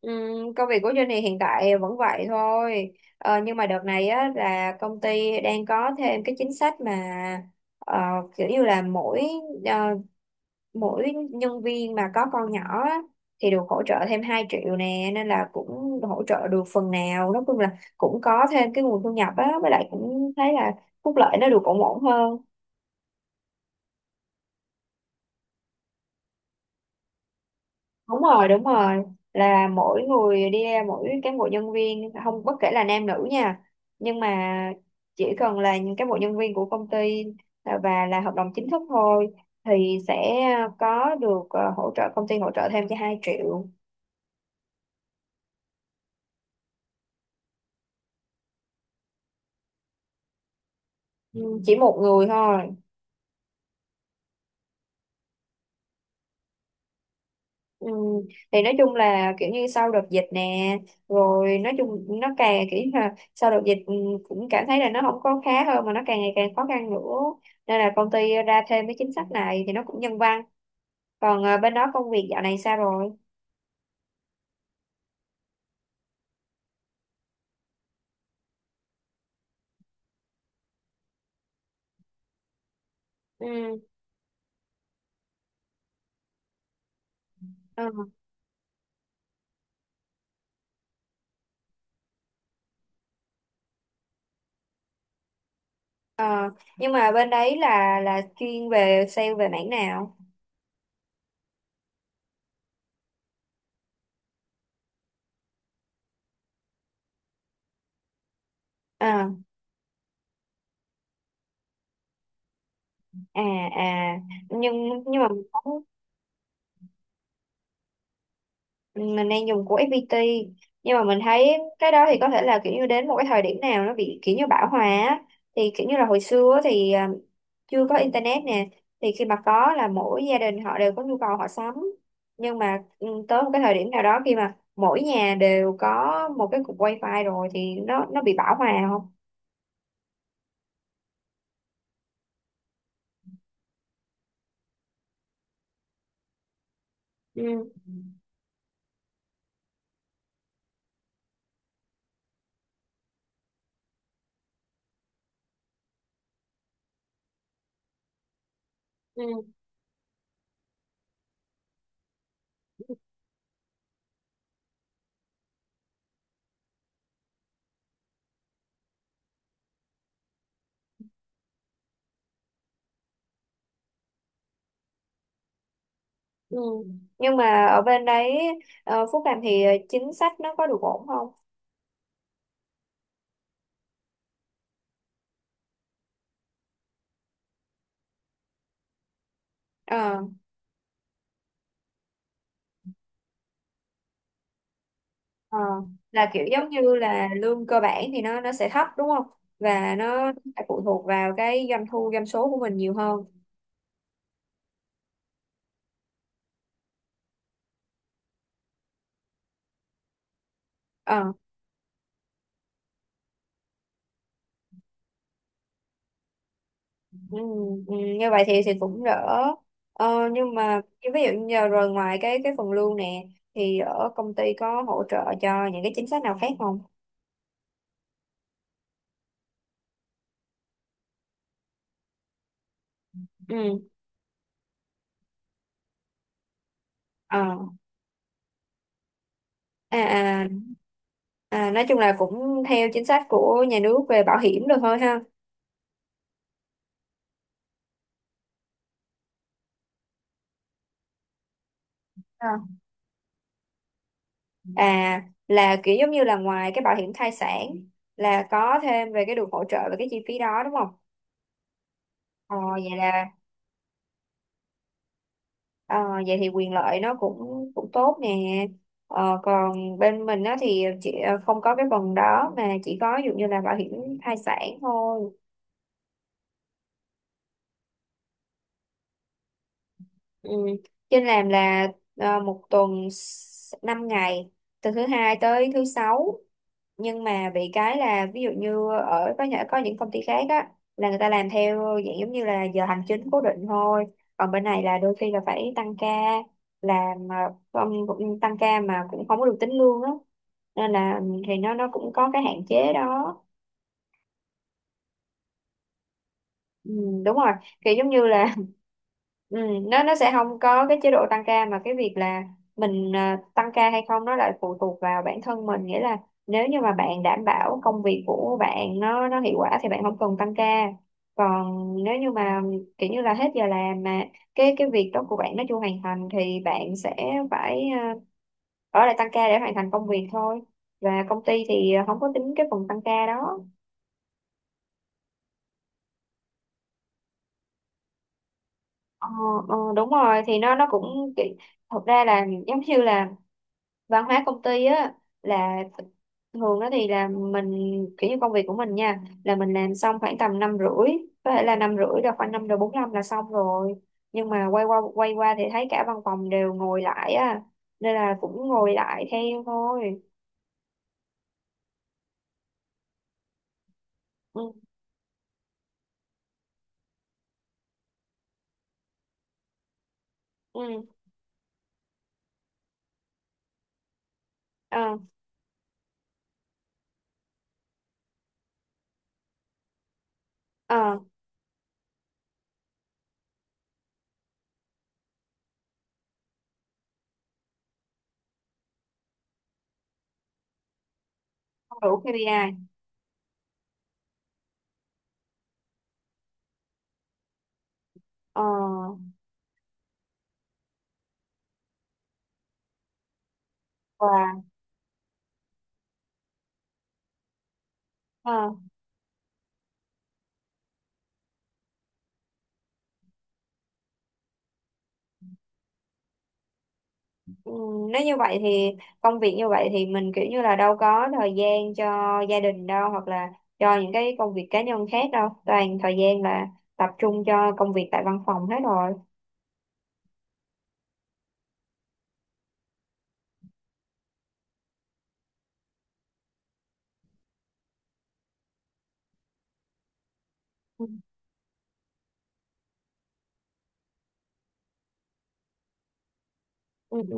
Công việc của Jenny hiện tại vẫn vậy thôi, nhưng mà đợt này á, là công ty đang có thêm cái chính sách mà ờ, kiểu như là mỗi ờ, mỗi nhân viên mà có con nhỏ á, thì được hỗ trợ thêm 2 triệu nè, nên là cũng hỗ trợ được phần nào. Nói chung là cũng có thêm cái nguồn thu nhập á, với lại cũng thấy là phúc lợi nó được ổn ổn hơn. Đúng rồi, đúng rồi, là mỗi người đi ra mỗi cán bộ nhân viên không, bất kể là nam nữ nha, nhưng mà chỉ cần là những cán bộ nhân viên của công ty à, và là hợp đồng chính thức thôi, thì sẽ có được à, hỗ trợ, công ty hỗ trợ thêm cho 2 triệu. Ừ, chỉ một người thôi. Ừ. Thì nói chung là kiểu như sau đợt dịch nè, rồi nói chung nó càng kiểu như là sau đợt dịch cũng cảm thấy là nó không có khá hơn mà nó càng ngày càng khó khăn nữa, nên là công ty ra thêm cái chính sách này thì nó cũng nhân văn. Còn bên đó công việc dạo này sao rồi? Ừ. Ừ. Ờ. Nhưng mà bên đấy là chuyên về sale về mảng nào? À, à, à, nhưng mà mình đang dùng của FPT, nhưng mà mình thấy cái đó thì có thể là kiểu như đến một cái thời điểm nào nó bị kiểu như bão hòa á. Thì kiểu như là hồi xưa á thì chưa có internet nè, thì khi mà có là mỗi gia đình họ đều có nhu cầu họ sắm, nhưng mà tới một cái thời điểm nào đó khi mà mỗi nhà đều có một cái cục wifi rồi thì nó bị bão hòa không. Ừ, ừ, ừ. Nhưng mà ở bên đấy Phúc Làm thì chính sách nó có được ổn không? Ờ. Ờ, là kiểu giống như là lương cơ bản thì nó sẽ thấp đúng không? Và nó phải phụ thuộc vào cái doanh thu doanh số của mình nhiều hơn. Ờ, ừ, ừ, như vậy thì cũng đỡ. Ờ, nhưng mà ví dụ như giờ rồi, ngoài cái phần lương nè, thì ở công ty có hỗ trợ cho những cái chính sách nào khác không? Ừ. Ờ. À, à, à nói chung là cũng theo chính sách của nhà nước về bảo hiểm được thôi ha. À, là kiểu giống như là ngoài cái bảo hiểm thai sản là có thêm về cái được hỗ trợ về cái chi phí đó đúng không? Ờ, vậy là ờ, vậy thì quyền lợi nó cũng cũng tốt nè. Ờ, còn bên mình á thì chị không có cái phần đó, mà chỉ có ví dụ như là bảo hiểm thai sản thôi. Ừ. Trên làm là một tuần 5 ngày, từ thứ hai tới thứ sáu, nhưng mà bị cái là ví dụ như ở có những công ty khác á là người ta làm theo dạng giống như là giờ hành chính cố định thôi, còn bên này là đôi khi là phải tăng ca, làm mà không, cũng tăng ca mà cũng không có được tính lương á, nên là thì nó cũng có cái hạn chế đó. Ừ, đúng rồi, kiểu giống như là ừ, nó sẽ không có cái chế độ tăng ca, mà cái việc là mình tăng ca hay không nó lại phụ thuộc vào bản thân mình, nghĩa là nếu như mà bạn đảm bảo công việc của bạn nó hiệu quả thì bạn không cần tăng ca. Còn nếu như mà kiểu như là hết giờ làm mà cái việc đó của bạn nó chưa hoàn thành thì bạn sẽ phải ở lại tăng ca để hoàn thành công việc thôi, và công ty thì không có tính cái phần tăng ca đó. Ờ, ờ, đúng rồi thì nó cũng thật ra là giống như là văn hóa công ty á, là thường đó thì là mình kiểu như công việc của mình nha, là mình làm xong khoảng tầm năm rưỡi, có thể là năm rưỡi là khoảng năm rồi, bốn năm là xong rồi, nhưng mà quay qua thì thấy cả văn phòng đều ngồi lại á, nên là cũng ngồi lại theo thôi. Ừ. Ừ. Ờ. Ờ, không đủ KPI. Ờ. Và ờ. Ừ, nếu như vậy thì công việc như vậy thì mình kiểu như là đâu có thời gian cho gia đình đâu, hoặc là cho những cái công việc cá nhân khác đâu, toàn thời gian là tập trung cho công việc tại văn phòng hết rồi. Ừ. Ừ. Ừ.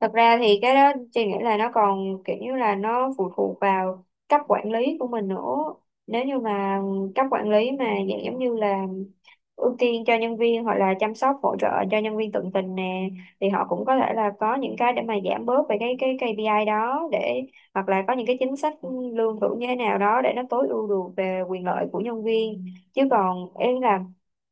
Thật ra thì cái đó chị nghĩ là nó còn kiểu như là nó phụ thuộc vào cấp quản lý của mình nữa. Nếu như mà cấp quản lý mà dạng giống như là ưu tiên cho nhân viên hoặc là chăm sóc hỗ trợ cho nhân viên tận tình nè, thì họ cũng có thể là có những cái để mà giảm bớt về cái KPI đó, để hoặc là có những cái chính sách lương thưởng như thế nào đó để nó tối ưu được về quyền lợi của nhân viên. Chứ còn em là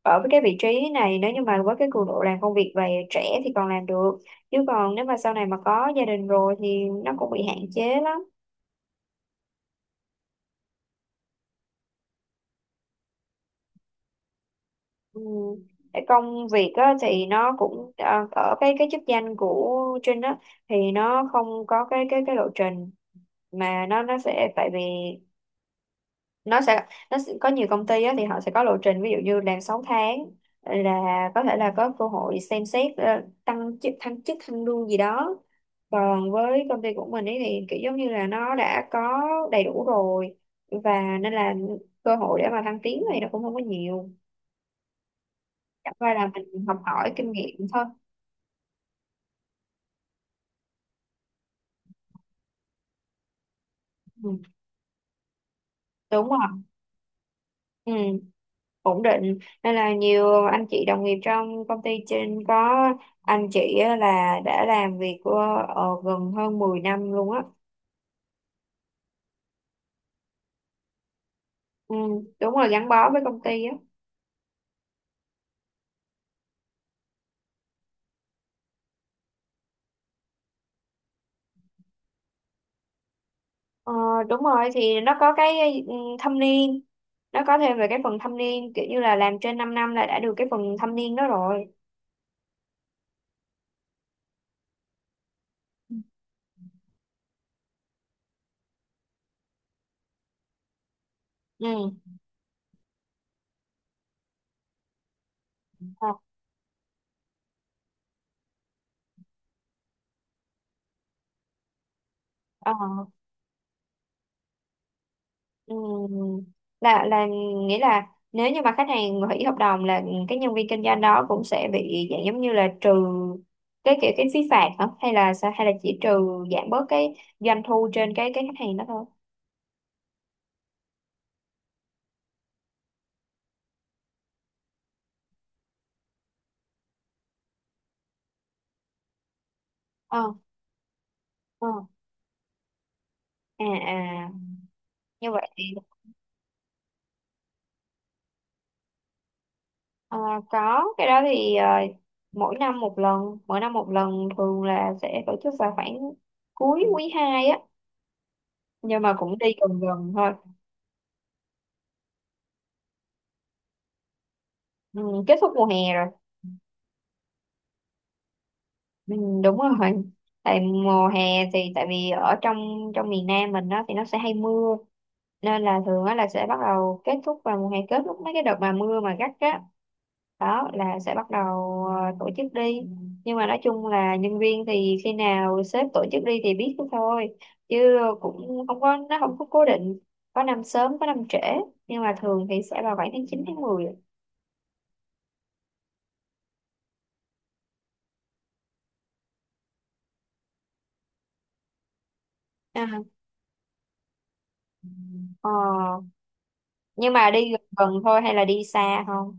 ở với cái vị trí này, nếu như mà với cái cường độ làm công việc về trẻ thì còn làm được, chứ còn nếu mà sau này mà có gia đình rồi thì nó cũng bị hạn chế lắm. Ừ. Cái công việc á, thì nó cũng à, ở cái chức danh của Trinh á thì nó không có cái lộ trình, mà nó sẽ, tại vì nó sẽ, có nhiều công ty á, thì họ sẽ có lộ trình ví dụ như làm 6 tháng là có thể là có cơ hội xem xét tăng chức, thăng chức thăng lương gì đó. Còn với công ty của mình ấy thì kiểu giống như là nó đã có đầy đủ rồi, và nên là cơ hội để mà thăng tiến thì nó cũng không có nhiều, chẳng qua là mình học hỏi kinh nghiệm thôi. Ừ, đúng rồi. Ừ. Ổn định nên là nhiều anh chị đồng nghiệp trong công ty trên có anh chị á là đã làm việc của gần hơn 10 năm luôn á. Ừ, đúng rồi, gắn bó với công ty á. Ờ, đúng rồi, thì nó có cái thâm niên, nó có thêm về cái phần thâm niên, kiểu như là làm trên 5 năm là đã được cái phần thâm niên đó rồi. Ừ. Ờ. Ờ. Ừ. Là nghĩa là nếu như mà khách hàng hủy hợp đồng là cái nhân viên kinh doanh đó cũng sẽ bị dạng giống như là trừ cái kiểu cái phí phạt hả, hay là sao, hay là chỉ trừ giảm bớt cái doanh thu trên cái khách hàng đó thôi. Ờ. Ờ. À, à, như vậy thì ờ, có cái đó thì mỗi năm một lần, mỗi năm một lần, thường là sẽ tổ chức vào khoảng cuối quý 2 á, nhưng mà cũng đi gần gần thôi. Ừ, kết thúc mùa hè rồi. Ừ, đúng rồi, tại mùa hè thì tại vì ở trong trong miền Nam mình đó thì nó sẽ hay mưa, nên là thường á là sẽ bắt đầu kết thúc vào mùa hè, kết thúc mấy cái đợt mà mưa mà gắt á, đó là sẽ bắt đầu tổ chức đi. Nhưng mà nói chung là nhân viên thì khi nào sếp tổ chức đi thì biết thôi, chứ cũng không có, nó không có cố định, có năm sớm có năm trễ, nhưng mà thường thì sẽ vào khoảng tháng 9 tháng 10. À. Ờ, nhưng mà đi gần gần thôi hay là đi xa không?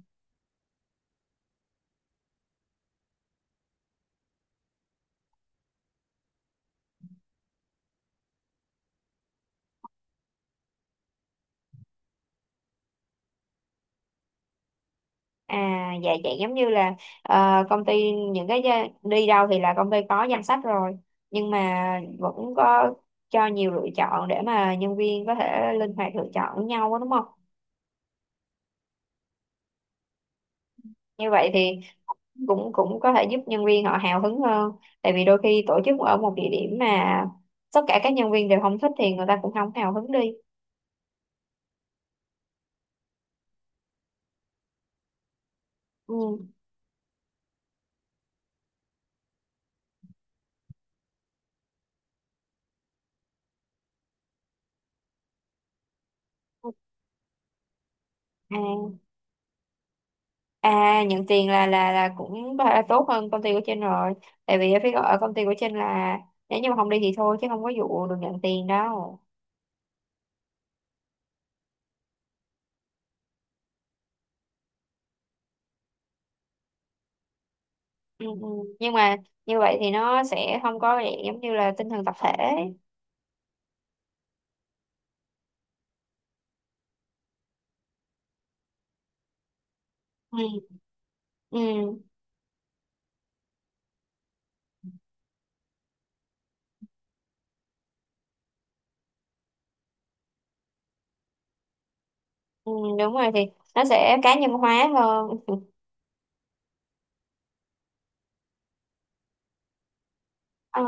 À, dạ vậy giống như là công ty những cái đi đâu thì là công ty có danh sách rồi, nhưng mà vẫn có cho nhiều lựa chọn để mà nhân viên có thể linh hoạt lựa chọn với nhau á, đúng không? Như vậy thì cũng cũng có thể giúp nhân viên họ hào hứng hơn, tại vì đôi khi tổ chức ở một địa điểm mà tất cả các nhân viên đều không thích thì người ta cũng không hào hứng đi. Ừ. À, à nhận tiền là cũng tốt hơn công ty của Trinh rồi. Tại vì ở phía ở công ty của Trinh là, nếu như mà không đi thì thôi, chứ không có vụ được nhận tiền đâu. Ừ, ừ. Nhưng mà như vậy thì nó sẽ không có dạng giống như là tinh thần tập thể. Ừ, ừ, ừ, đúng rồi thì nó sẽ cá nhân hóa hơn. Ờ,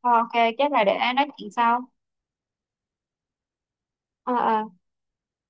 ok, chắc là để nói chuyện sau. Ờ, ờ.